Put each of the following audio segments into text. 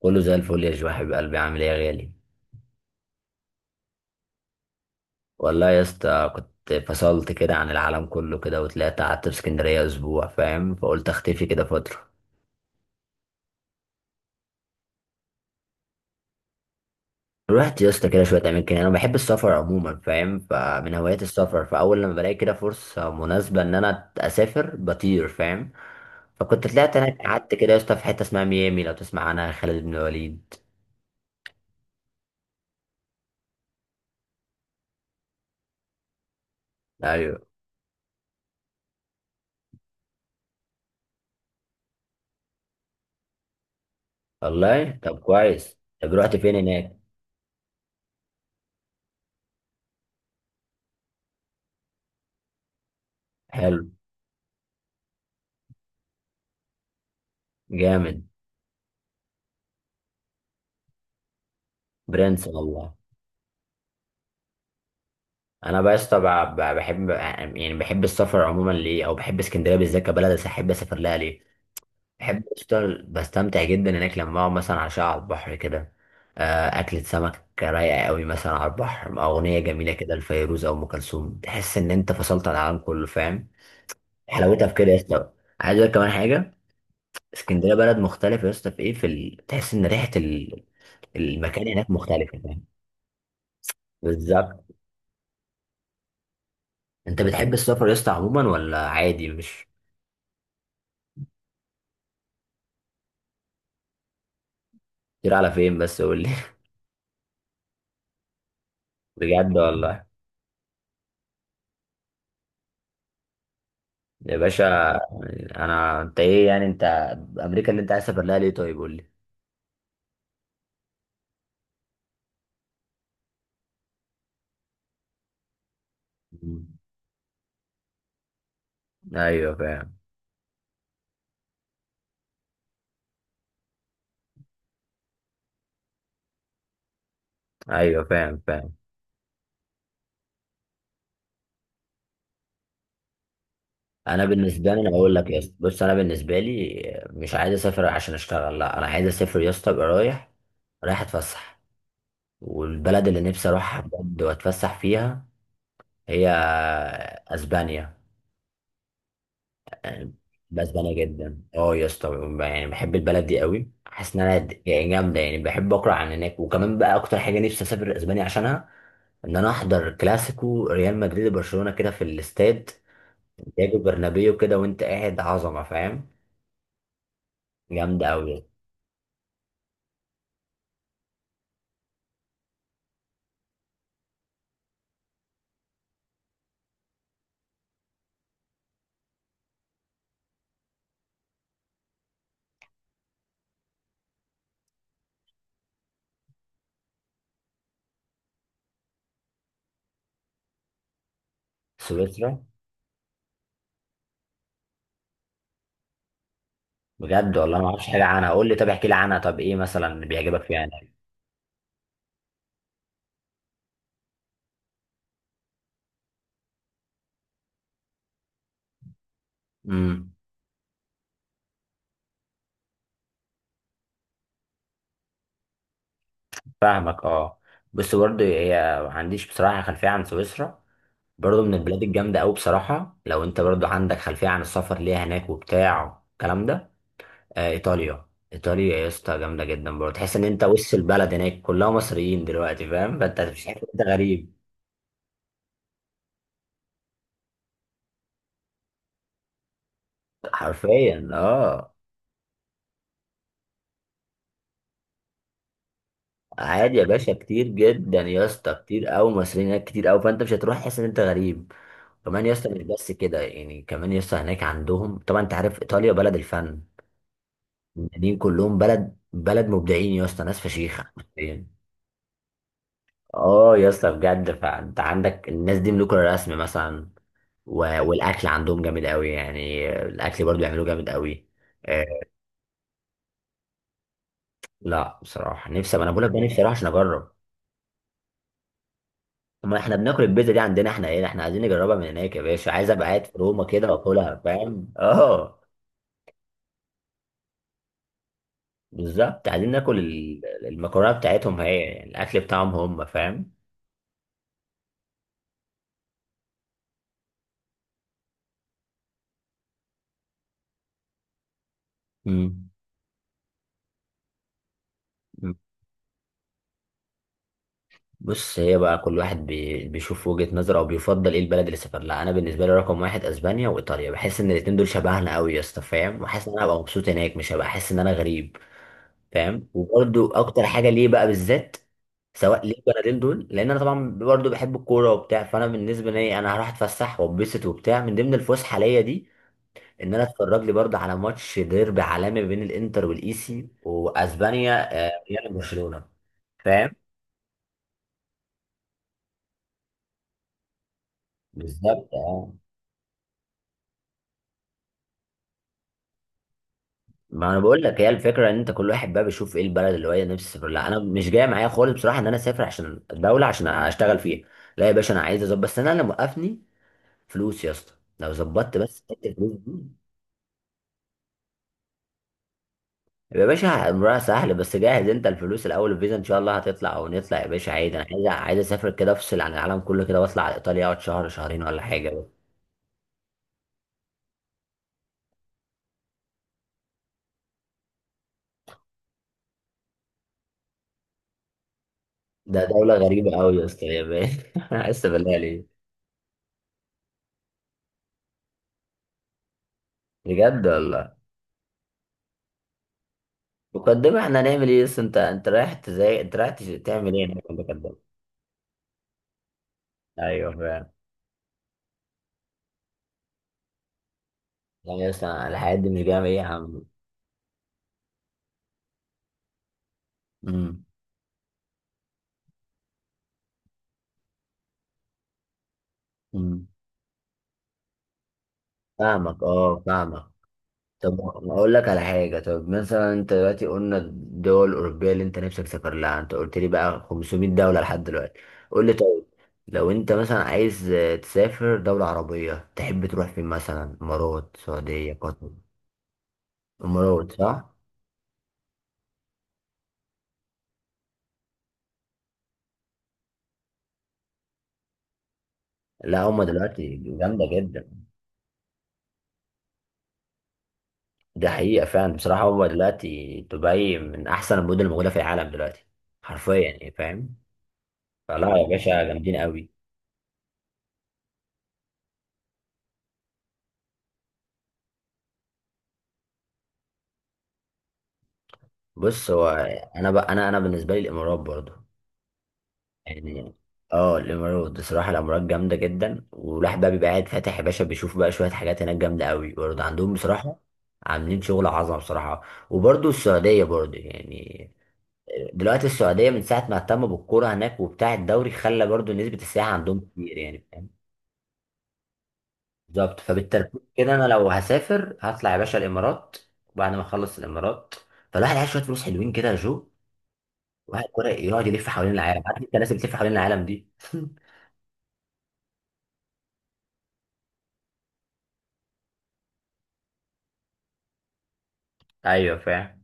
كله زي الفل يا جو، حبيب قلبي، عامل ايه يا غالي؟ والله يا اسطى كنت فصلت كده عن العالم كله كده وطلعت قعدت في اسكندريه اسبوع، فاهم، فقلت اختفي كده فتره. رحت يا اسطى كده شويه اماكن، انا بحب السفر عموما فاهم، فمن هوايات السفر، فاول لما بلاقي كده فرصه مناسبه ان انا اسافر بطير، فاهم. فكنت طلعت هناك قعدت كده يا اسطى في حته اسمها ميامي، لو تسمع عنها، خالد بن وليد. ايوه والله، طب كويس، طب رحت فين هناك؟ حلو. جامد. برنس والله. انا بس طبعا بحب يعني، بحب السفر عموما ليه، او بحب اسكندريه بالذات كبلد، احب اسافر لها ليه. بحب اشتغل، بستمتع جدا هناك لما اقعد مثلا عشاء على البحر كده. اكلة سمك رايقه قوي مثلا على البحر مع اغنيه جميله كده لفيروز او ام كلثوم، تحس ان انت فصلت عن العالم كله، فاهم. حلاوتها في كده يا اسطى. عايز اقول كمان حاجه. اسكندريه بلد مختلف يا اسطى، في ايه، تحس ان ريحه المكان هناك مختلفه، فاهم. بالظبط. انت بتحب السفر يا اسطى عموما ولا عادي مش؟ كتير، على فين بس قول لي. بجد والله. يا باشا. انا انت ايه يعني انت، امريكا اللي انت عايز تسافر لها ليه طيب قول لي. مم. ايوه فاهم. ايوه فاهم. انا بالنسبه لي، انا بقول لك يا اسطى، بص انا بالنسبه لي مش عايز اسافر عشان اشتغل، لا، انا عايز اسافر يا اسطى ابقى رايح. رايح اتفسح، والبلد اللي نفسي اروحها بجد واتفسح فيها هي اسبانيا. بسبانيا جدا يا اسطى، يعني بحب البلد دي قوي، حاسس ان انا يعني جامده، يعني بحب اقرا عن هناك، وكمان بقى اكتر حاجه نفسي اسافر اسبانيا عشانها، ان انا احضر كلاسيكو ريال مدريد وبرشلونه كده في الاستاد سانتياغو برنابيو كده وانت قاعد عظمه، فاهم. جامده قوي. سويسرا؟ بجد والله ما اعرفش حاجه عنها، قول لي، طب احكي لي عنها، طب ايه مثلا اللي بيعجبك فيها هناك؟ امم. فاهمك اه. بس برضه هي، ما عنديش بصراحة خلفية عن سويسرا. برضه من البلاد الجامدة أوي بصراحة، لو أنت برضه عندك خلفية عن السفر ليها هناك وبتاع الكلام ده. إيطاليا. إيطاليا يا اسطى جامدة جدا، برضه تحس إن أنت وسط البلد هناك كلها مصريين دلوقتي، فاهم، فأنت مش عارف أنت غريب. حرفيا اه. عادي يا باشا، كتير جدا يا اسطى، كتير أوي مصريين هناك، كتير أوي، فأنت مش هتروح تحس إن أنت غريب. كمان يا اسطى مش بس كده يعني، كمان يا اسطى هناك عندهم، طبعا أنت عارف إيطاليا بلد الفن، المدنيين كلهم بلد مبدعين يا اسطى، ناس فشيخه يعني. اه يا اسطى بجد، فانت عندك الناس دي ملوك الرسم مثلا، والاكل عندهم جامد قوي يعني، الاكل برضو بيعملوه جامد قوي. آه. لا بصراحه نفسي، ما انا بقول لك بقى، نفسي اروح عشان اجرب. ما احنا بناكل البيتزا دي عندنا احنا، ايه احنا عايزين نجربها من هناك يا باشا، عايز ابقى قاعد في روما كده واكلها، فاهم اه. بالظبط، عايزين ناكل المكرونه بتاعتهم، هي يعني الاكل بتاعهم هم، فاهم. مم. بص هي بقى كل واحد بيشوف وجهة نظره، او بيفضل ايه البلد اللي سافر لها. انا بالنسبه لي رقم واحد اسبانيا وايطاليا، بحس ان الاتنين دول شبهنا قوي يا اسطى، فاهم، وحاسس ان انا هبقى مبسوط هناك، مش هبقى حاسس ان انا غريب، فاهم. وبرده اكتر حاجه ليه بقى بالذات، سواء ليه البلدين دول، لان انا طبعا برضه بحب الكوره وبتاع، فانا بالنسبه لي انا هروح اتفسح واتبسط وبتاع، من ضمن الفسحه ليا دي ان انا اتفرج لي برضه على ماتش ديربي عالمي بين الانتر والايسي، واسبانيا ريال وبرشلونه، فاهم. بالظبط اه. ما انا بقول لك هي الفكره، ان انت كل واحد بقى بيشوف ايه البلد اللي هو إيه نفسه يسافر لها، انا مش جاي معايا خالص بصراحه ان انا اسافر عشان الدوله عشان اشتغل فيها. لا يا باشا، انا عايز اظبط، بس انا اللي موقفني فلوس يا اسطى، لو ظبطت بس حته الفلوس دي. يا باشا امرها سهل، بس جاهز انت الفلوس الاول، الفيزا ان شاء الله هتطلع او نطلع يا باشا عادي، انا عايز اسافر كده، افصل عن العالم كله كده واطلع على ايطاليا، اقعد شهر شهرين ولا حاجه. ده دوله غريبه قوي يا اسطى يا باشا، عايز بالله ليه؟ بجد والله. مقدمة، احنا هنعمل ايه، بس انت رايح تزاي، انت رايح تعمل ايه هناك في المقدمة؟ ايوه فعلا. يعني مثلا الحاجات دي مش جاية ايه يا عم؟ امم. امم فاهمك اه فاهمك. طب اقول لك على حاجة، طب مثلا انت دلوقتي قلنا الدول الأوروبية اللي انت نفسك تسافر لها، انت قلت لي بقى 500 دولة لحد دلوقتي، قول لي طيب، لو انت مثلا عايز تسافر دولة عربية، تحب تروح فين؟ مثلا امارات، سعودية، قطر. امارات صح؟ لا هما دلوقتي جامدة جدا. دي حقيقة فعلا بصراحة، هو دلوقتي دبي من أحسن المدن الموجودة في العالم دلوقتي، حرفيا يعني، فاهم. فلا يا باشا جامدين قوي. بص هو أنا بقى، أنا بالنسبة لي الإمارات برضو يعني. اه الإمارات بصراحة، الإمارات جامدة جدا، والواحد بقى بيبقى قاعد فاتح يا باشا، بيشوف بقى شوية حاجات هناك جامدة قوي برضه عندهم بصراحة. عاملين شغل عظمة بصراحة. وبرضه السعودية برضه يعني، دلوقتي السعودية من ساعة ما اهتموا بالكورة هناك وبتاع الدوري، خلى برضه نسبة السياحة عندهم كتير يعني، فاهم. بالظبط، فبالترتيب كده انا لو هسافر هطلع يا باشا الامارات، وبعد ما اخلص الامارات، فالواحد عايز شويه فلوس حلوين كده يا جو، واحد كده يقعد يلف حوالين العالم، عارف انت الناس اللي بتلف حوالين العالم دي. ايوه فاهم.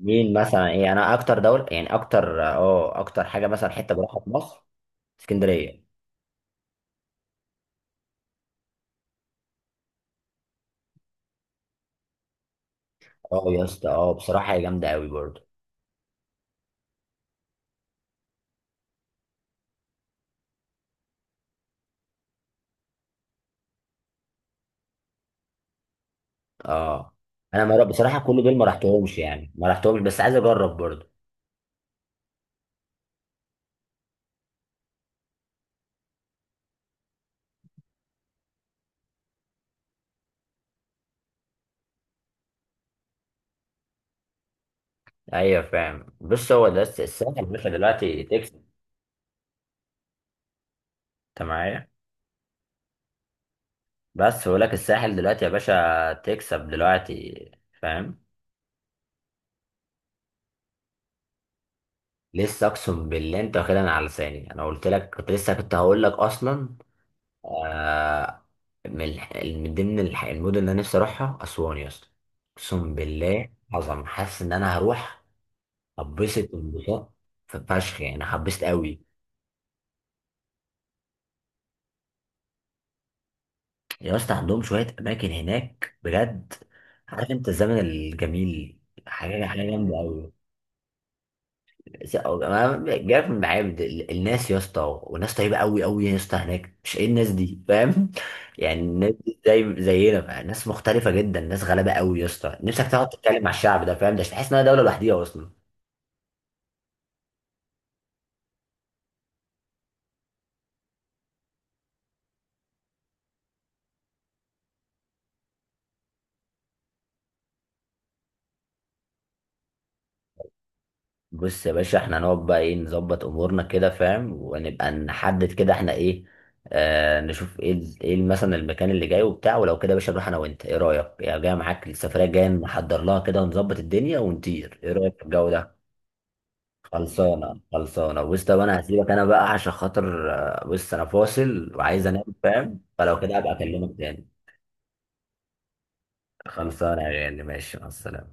مين مثلا؟ ايه انا اكتر دوله يعني، اكتر حاجه مثلا حته بروحها في مصر؟ اسكندريه. اه يا اسطى، بصراحه هي جامده قوي برضه. اه انا مرة بصراحه كل دول ما رحتهمش يعني، ما رحتهمش بس عايز اجرب برضه. ايوه فاهم، بص هو ده الساحل يا باشا دلوقتي تكسب. انت معايا؟ بس بقول لك الساحل دلوقتي يا باشا تكسب دلوقتي، فاهم. لسه، اقسم بالله انت واخدها على لساني، انا قلت لك كنت لسه كنت هقول لك اصلا. آه. من ضمن المدن اللي انا نفسي اروحها اسوان يا اسطى، اقسم بالله عظم، حاسس ان انا هروح هبسط انبساط، في فشخ يعني، هبسط قوي. يا اسطى عندهم شويه اماكن هناك بجد، عارف انت الزمن الجميل، حاجه حاجه جامده قوي. بس هو أنا جايلك من المعابد، الناس يا اسطى، وناس طيبه قوي قوي يا اسطى هناك، مش ايه الناس دي، فاهم، يعني الناس دي زي زينا بقى، ناس مختلفه جدا، ناس غلابه قوي يا اسطى، نفسك تقعد تتكلم مع الشعب ده، فاهم، ده مش تحس انها دوله لوحديها اصلا. بص يا باشا احنا هنقعد بقى، ايه، نظبط امورنا كده، فاهم، ونبقى نحدد كده احنا ايه. آه نشوف ايه مثلا المكان اللي جاي وبتاع، ولو كده يا باشا نروح انا وانت، ايه رايك يا جاي معاك السفريه الجايه، نحضر لها كده ونظبط الدنيا ونطير، ايه رايك في الجو ده؟ خلصانه خلصانه، بص طب انا هسيبك انا بقى عشان خاطر، بص انا فاصل وعايز انام، فاهم، فلو كده هبقى اكلمك تاني. خلصانه يا غالي ماشي، مع السلامه.